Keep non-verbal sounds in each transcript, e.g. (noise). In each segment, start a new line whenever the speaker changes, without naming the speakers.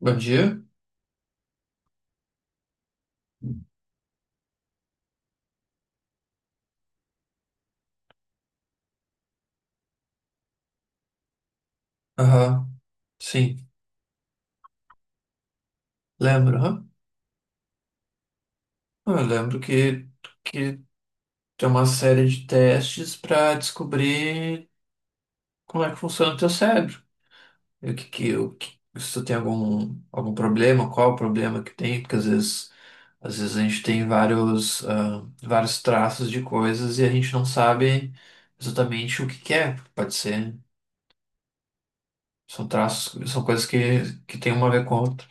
Bom dia? Aham, sim. Lembro, aham. Eu lembro que tem uma série de testes para descobrir como é que funciona o teu cérebro. E o que, se tu tem algum problema, qual o problema que tem, porque às vezes a gente tem vários, vários traços de coisas e a gente não sabe exatamente que é. Pode ser, são traços, são coisas que tem uma a ver com a outra.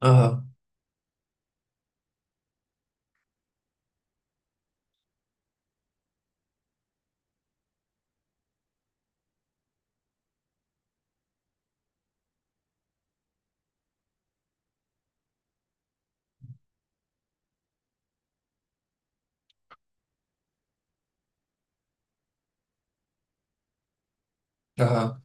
Aham, aham.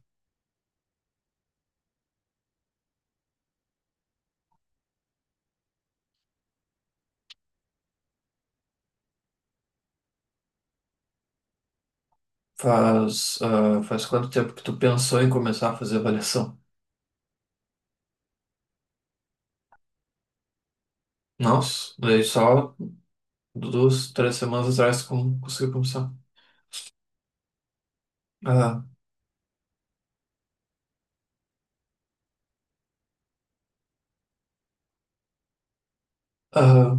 Faz, faz quanto tempo que tu pensou em começar a fazer avaliação? Nossa, daí só duas, três semanas atrás que eu consegui começar. Ah, ah,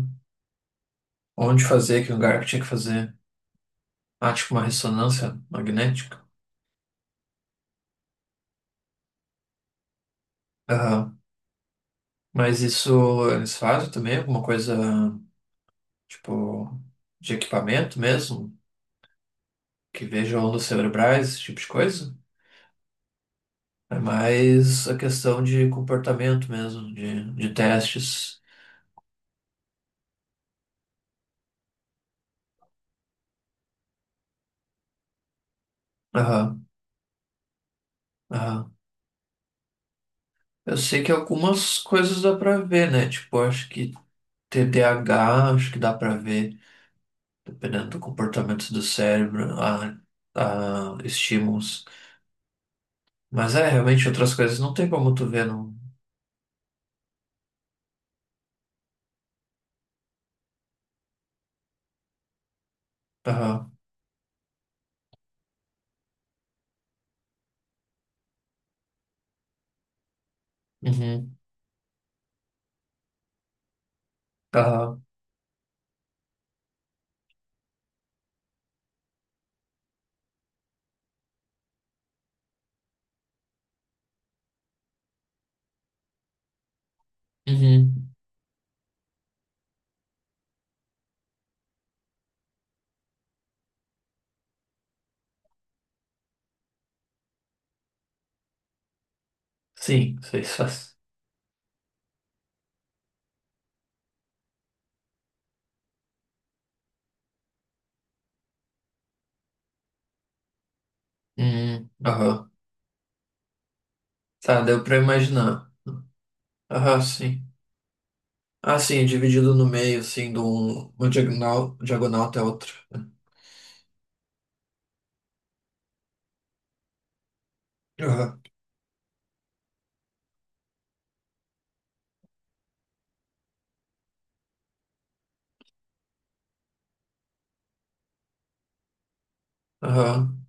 onde fazer, que lugar que tinha que fazer? Ah, tipo uma ressonância magnética. Ah, mas isso eles fazem também? Alguma coisa tipo de equipamento mesmo? Que veja ondas cerebrais, esse tipo de coisa? É mais a questão de comportamento mesmo, de testes. Aham, aham. Eu sei que algumas coisas dá pra ver, né? Tipo, acho que TDAH, acho que dá pra ver, dependendo do comportamento do cérebro, a estímulos. Mas é, realmente outras coisas não tem como tu ver, não. Aham, uhum, aham, uhum. Sim, sei só. Uhum, aham. Tá, deu pra imaginar. Aham, sim. Ah, sim, é dividido no meio, assim, de um, uma diagonal, diagonal até outra. Aham, aham.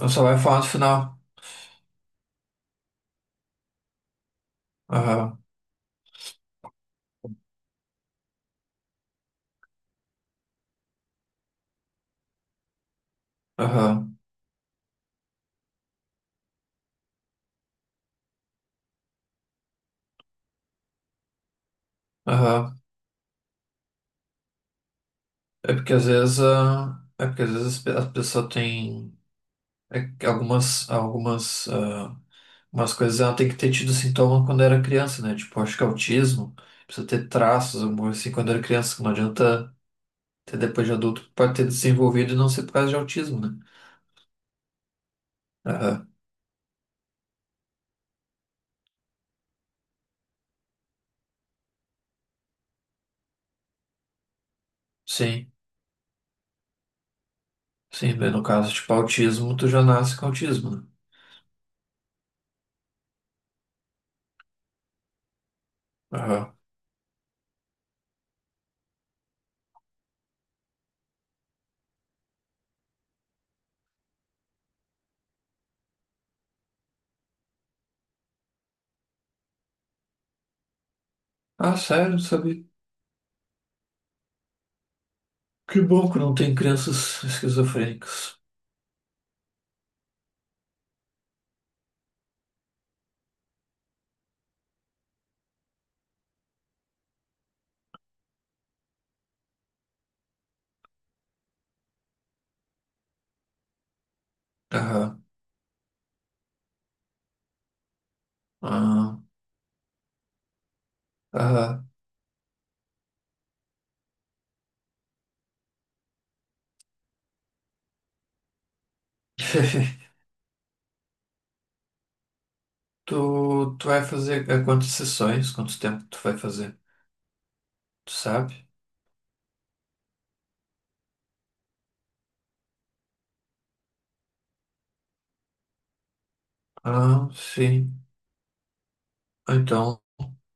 Eu só vai falar no final. Aham, aham. Aham. É porque é porque às vezes a pessoa tem é que algumas, ah, umas coisas ela tem que ter tido sintoma quando era criança, né? Tipo, acho que é autismo precisa ter traços, alguma coisa assim, quando era criança. Que Não adianta ter depois de adulto, pode ter desenvolvido e não ser por causa de autismo, né? Aham. Sim, No caso, tipo, autismo, tu já nasce com autismo, né? Aham. Ah, sério, sabe? Que bom que não tem crianças esquizofrênicas. Aham. Ah, aham. (laughs) Tu, tu vai fazer há quantas sessões? Quanto tempo tu vai fazer? Tu sabe? Ah, sim. Então,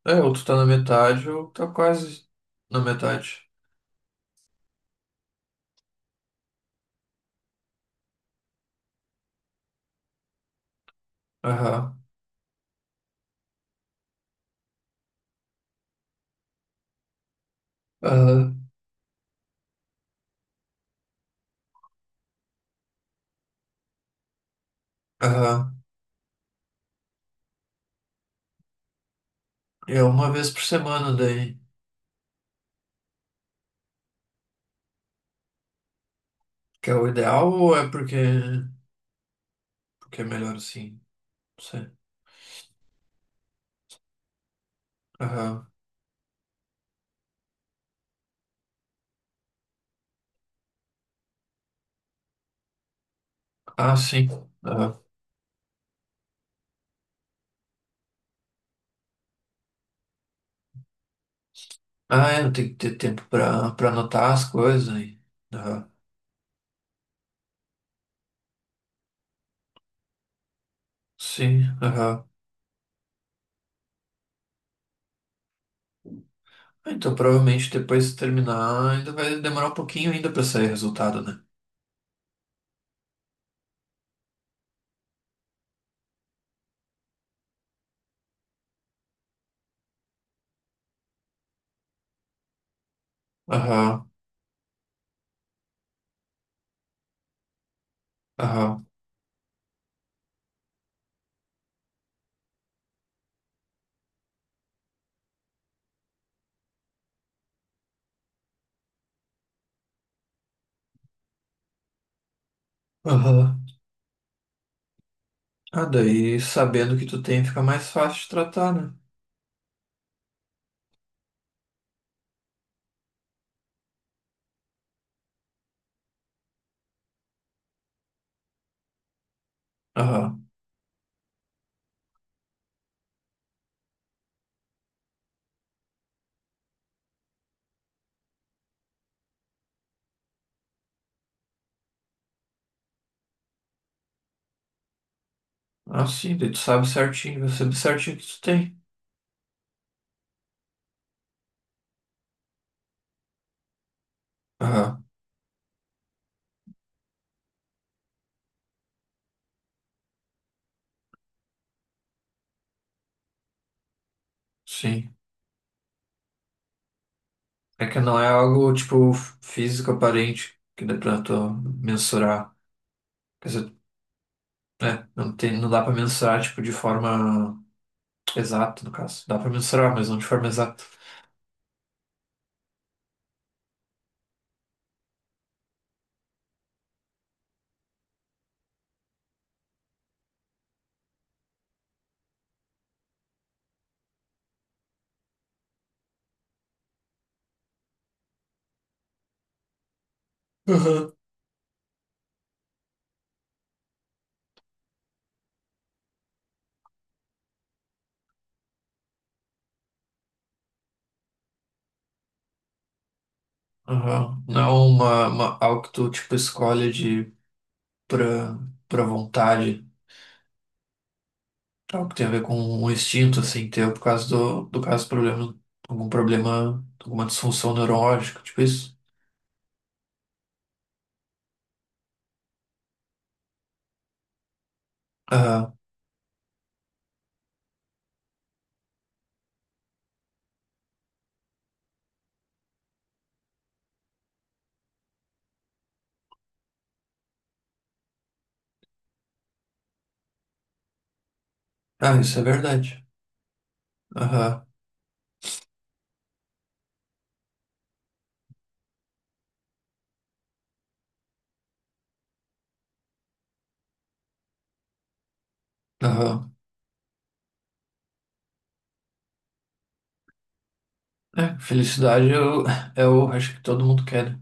é, ou tu tá na metade ou tá quase na metade. Aham. Aham. Aham. É uma vez por semana daí. Que é o ideal ou porque é melhor assim? Não sei. Aham. Ah, sim. Aham. Ah, é, tem que ter tempo pra anotar as coisas aí. Aham. Sim. Aham. Então, provavelmente depois de terminar, ainda vai demorar um pouquinho ainda pra sair resultado, né? Aham, aham, aham. Ah, daí sabendo que tu tem, fica mais fácil de tratar, né? Aham. Ah, sim, daí tu sabe certinho, você sabe certinho o que tu tem. Aham, sim. É que não é algo, tipo, físico aparente, que dá pra tu mensurar. Quer dizer, né? Não tem, não dá pra mensurar, tipo, de forma exata, no caso. Dá pra mensurar, mas não de forma exata. Aham. Aham. Não é algo que tu, tipo, escolhe de pra, pra vontade. Tá? Algo que tem a ver com um instinto, assim, teu, por causa do caso, problema, algum problema, alguma disfunção neurológica, tipo isso. Aham. Ah, isso é verdade. Aham. Aham. É, felicidade eu, (laughs) eu acho que todo mundo quer. Né?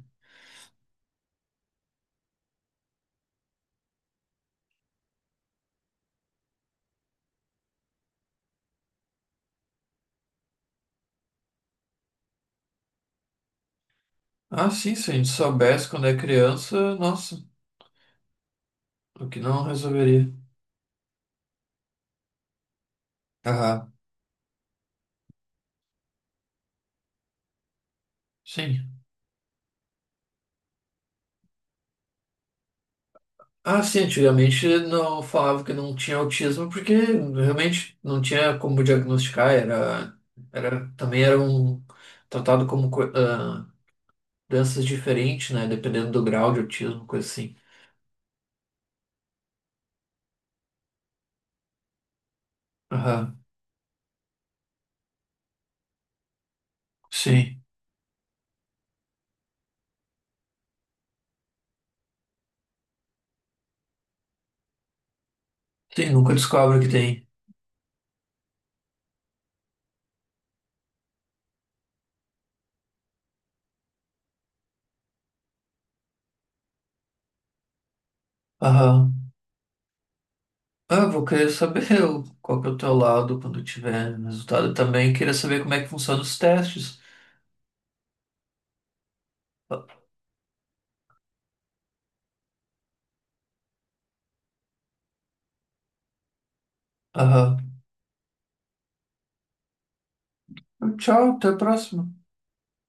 Ah, sim, se a gente soubesse quando é criança, nossa, o que não resolveria. Aham. Sim. Ah, sim, antigamente não falava que não tinha autismo porque realmente não tinha como diagnosticar, era também era um tratado como co- ah, doenças diferentes, né, dependendo do grau de autismo, coisa assim. Aham, sim. Sim, nunca descobre que tem. Aham. Ah, vou querer saber (laughs) o- qual que é o teu lado quando tiver resultado. Eu também queria saber como é que funcionam os testes. Ah, Aham. Tchau, até a próxima.